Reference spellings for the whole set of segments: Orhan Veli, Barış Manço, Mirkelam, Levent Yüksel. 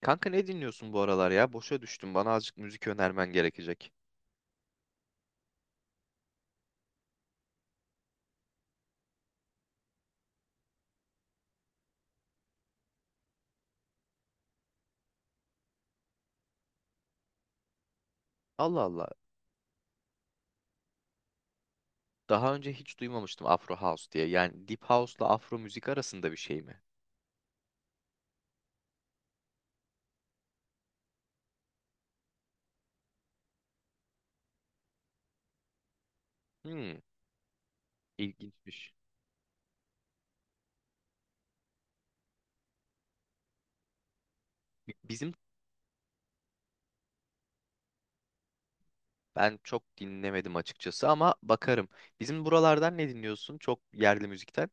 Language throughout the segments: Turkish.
Kanka ne dinliyorsun bu aralar ya? Boşa düştüm. Bana azıcık müzik önermen gerekecek. Allah Allah. Daha önce hiç duymamıştım Afro House diye. Yani Deep House'la Afro müzik arasında bir şey mi? Hmm, ilginçmiş. Bi- Bizim ben çok dinlemedim açıkçası ama bakarım. Bizim buralardan ne dinliyorsun? Çok yerli müzikten.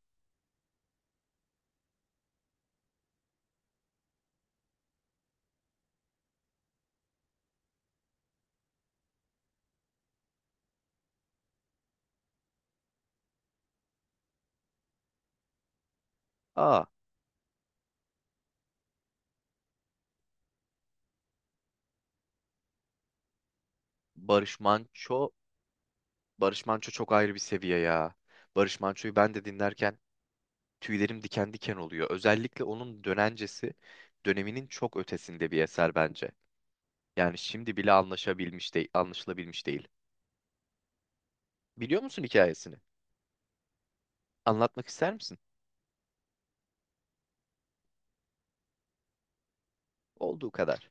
Aa, Barış Manço. Barış Manço çok ayrı bir seviye ya. Barış Manço'yu ben de dinlerken tüylerim diken diken oluyor. Özellikle onun döneminin çok ötesinde bir eser bence. Yani şimdi bile anlaşabilmiş değil, anlaşılabilmiş değil. Biliyor musun hikayesini? Anlatmak ister misin? Olduğu kadar.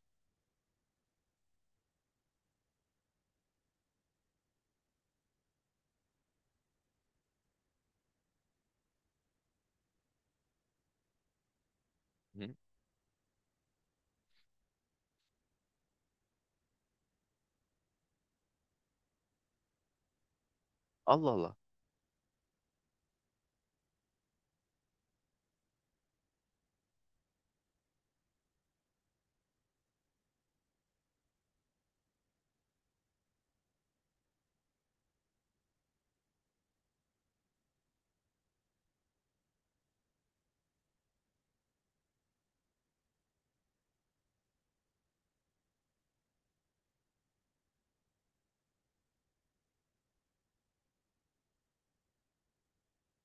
Hı? Allah Allah.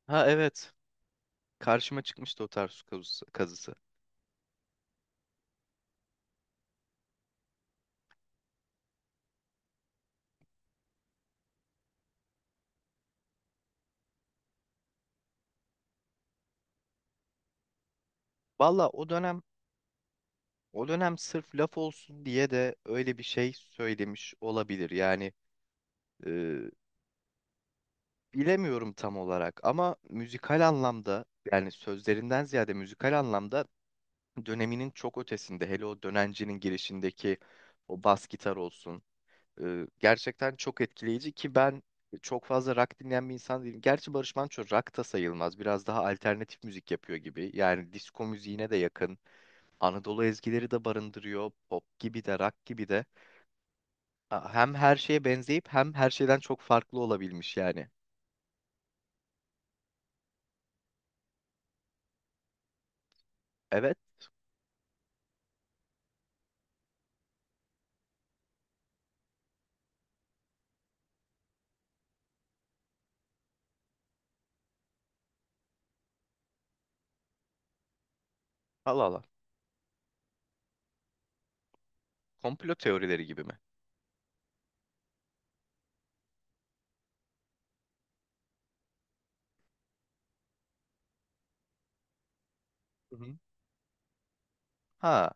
Ha, evet. Karşıma çıkmıştı o tarz su kazısı. Valla o dönem sırf laf olsun diye de öyle bir şey söylemiş olabilir. Yani e, bilemiyorum tam olarak ama müzikal anlamda yani sözlerinden ziyade müzikal anlamda döneminin çok ötesinde. Hele o dönencinin girişindeki o bas gitar olsun. Gerçekten çok etkileyici ki ben çok fazla rock dinleyen bir insan değilim. Gerçi Barış Manço rock da sayılmaz. Biraz daha alternatif müzik yapıyor gibi. Yani disco müziğine de yakın. Anadolu ezgileri de barındırıyor. Pop gibi de rock gibi de. Ha, hem her şeye benzeyip hem her şeyden çok farklı olabilmiş yani. Evet. Allah Allah. Komplo teorileri gibi mi? Hı hı. Ha,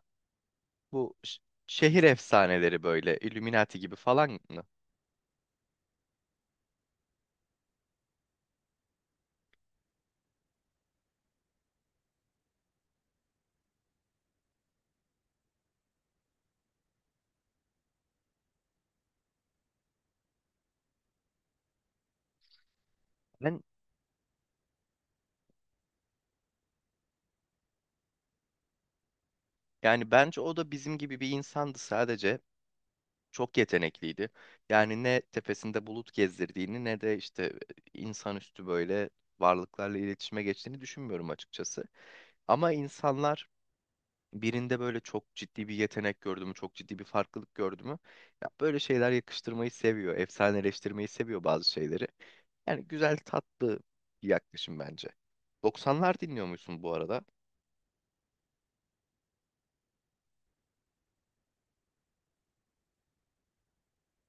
bu şehir efsaneleri böyle Illuminati gibi falan mı? Ben yani bence o da bizim gibi bir insandı sadece. Çok yetenekliydi. Yani ne tepesinde bulut gezdirdiğini ne de işte insanüstü böyle varlıklarla iletişime geçtiğini düşünmüyorum açıkçası. Ama insanlar birinde böyle çok ciddi bir yetenek gördü mü, çok ciddi bir farklılık gördü mü, ya böyle şeyler yakıştırmayı seviyor, efsaneleştirmeyi seviyor bazı şeyleri. Yani güzel, tatlı bir yaklaşım bence. 90'lar dinliyor musun bu arada?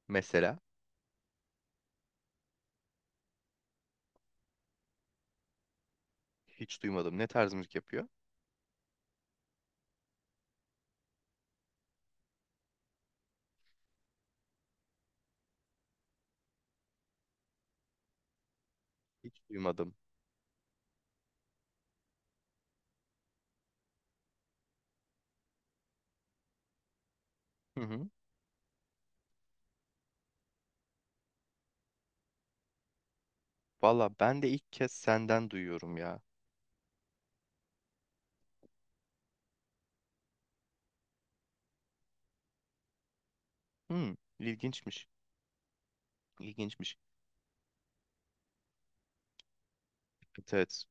Mesela hiç duymadım. Ne tarz müzik yapıyor? Hiç duymadım. Hı hı. Valla ben de ilk kez senden duyuyorum ya. Hmm, ilginçmiş. İlginçmiş. Evet, evet.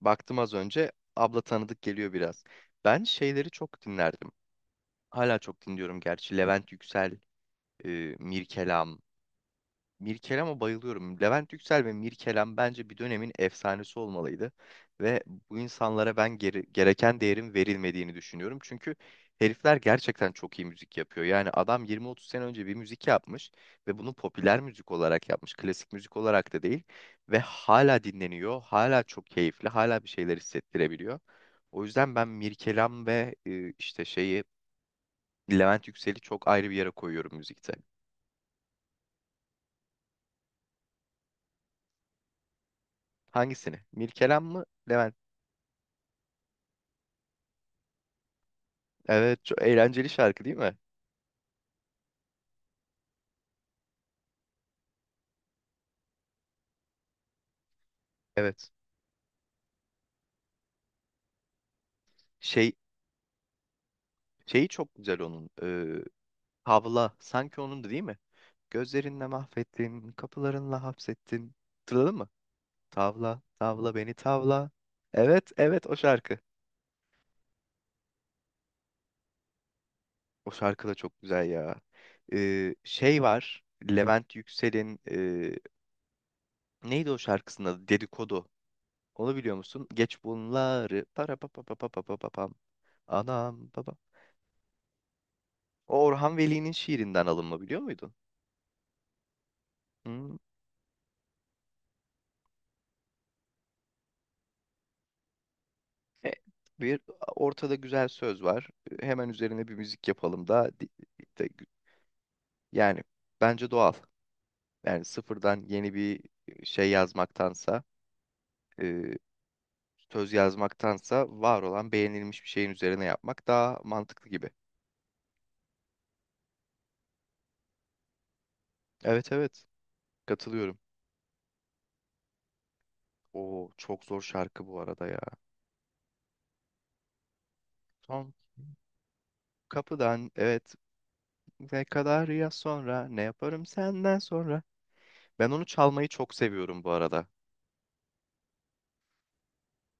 Baktım az önce. Abla tanıdık geliyor biraz. Ben şeyleri çok dinlerdim. Hala çok dinliyorum gerçi. Levent Yüksel, e, Mirkelam. Mirkelam'a bayılıyorum. Levent Yüksel ve Mirkelam bence bir dönemin efsanesi olmalıydı. Ve bu insanlara ben gereken değerin verilmediğini düşünüyorum. Çünkü herifler gerçekten çok iyi müzik yapıyor. Yani adam 20-30 sene önce bir müzik yapmış ve bunu popüler müzik olarak yapmış. Klasik müzik olarak da değil. Ve hala dinleniyor, hala çok keyifli, hala bir şeyler hissettirebiliyor. O yüzden ben Mirkelam ve işte şeyi Levent Yüksel'i çok ayrı bir yere koyuyorum müzikte. Hangisini? Mirkelam mı, Levent? Evet, çok eğlenceli şarkı değil mi? Evet. Şey şeyi çok güzel onun. Havla sanki onun da değil mi? Gözlerinle mahvettin, kapılarınla hapsettin. Hatırladın mı? Tavla, tavla beni tavla. Evet, evet o şarkı. O şarkı da çok güzel ya. Şey var. Levent Yüksel'in neydi o şarkısının adı? Dedikodu. Onu biliyor musun? Geç bunları. Para pa pa pa pa pa pa pa pam. Anam baba. O Orhan Veli'nin şiirinden alınma biliyor muydun? Hmm. E, Bir ortada güzel söz var. Hemen üzerine bir müzik yapalım da de- yani bence doğal. Yani sıfırdan yeni bir şey yazmaktansa, e, söz yazmaktansa var olan beğenilmiş bir şeyin üzerine yapmak daha mantıklı gibi. Evet, evet, katılıyorum. O çok zor şarkı bu arada ya. Son kapıdan evet ne kadar ya sonra ne yaparım senden sonra. Ben onu çalmayı çok seviyorum bu arada.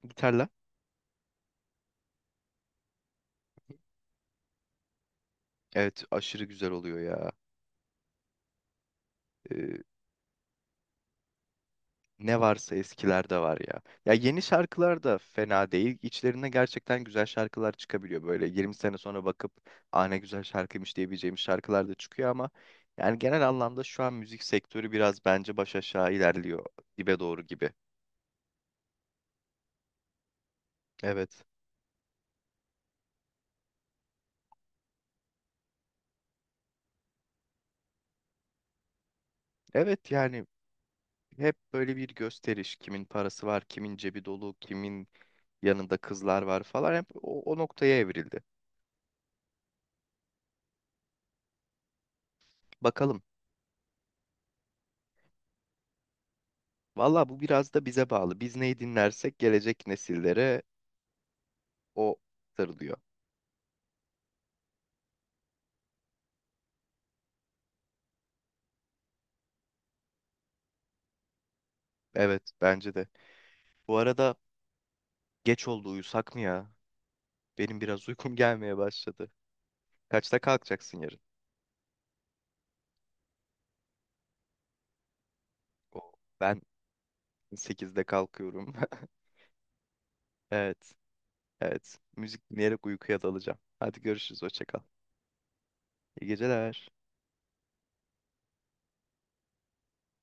Gitarla. Evet aşırı güzel oluyor ya. e, Ne varsa eskilerde var ya. Ya yeni şarkılar da fena değil. İçlerinde gerçekten güzel şarkılar çıkabiliyor böyle. 20 sene sonra bakıp "Aa ne güzel şarkıymış" diyebileceğimiz şarkılar da çıkıyor ama yani genel anlamda şu an müzik sektörü biraz bence baş aşağı ilerliyor dibe doğru gibi. Evet. Evet yani hep böyle bir gösteriş. Kimin parası var, kimin cebi dolu, kimin yanında kızlar var falan hep o noktaya evrildi. Bakalım. Valla bu biraz da bize bağlı. Biz neyi dinlersek gelecek nesillere o sarılıyor. Evet bence de. Bu arada geç oldu uyusak mı ya? Benim biraz uykum gelmeye başladı. Kaçta kalkacaksın yarın? O, ben 8'de kalkıyorum. Evet. Evet. Müzik dinleyerek uykuya dalacağım. Hadi görüşürüz. Hoşça kal. İyi geceler.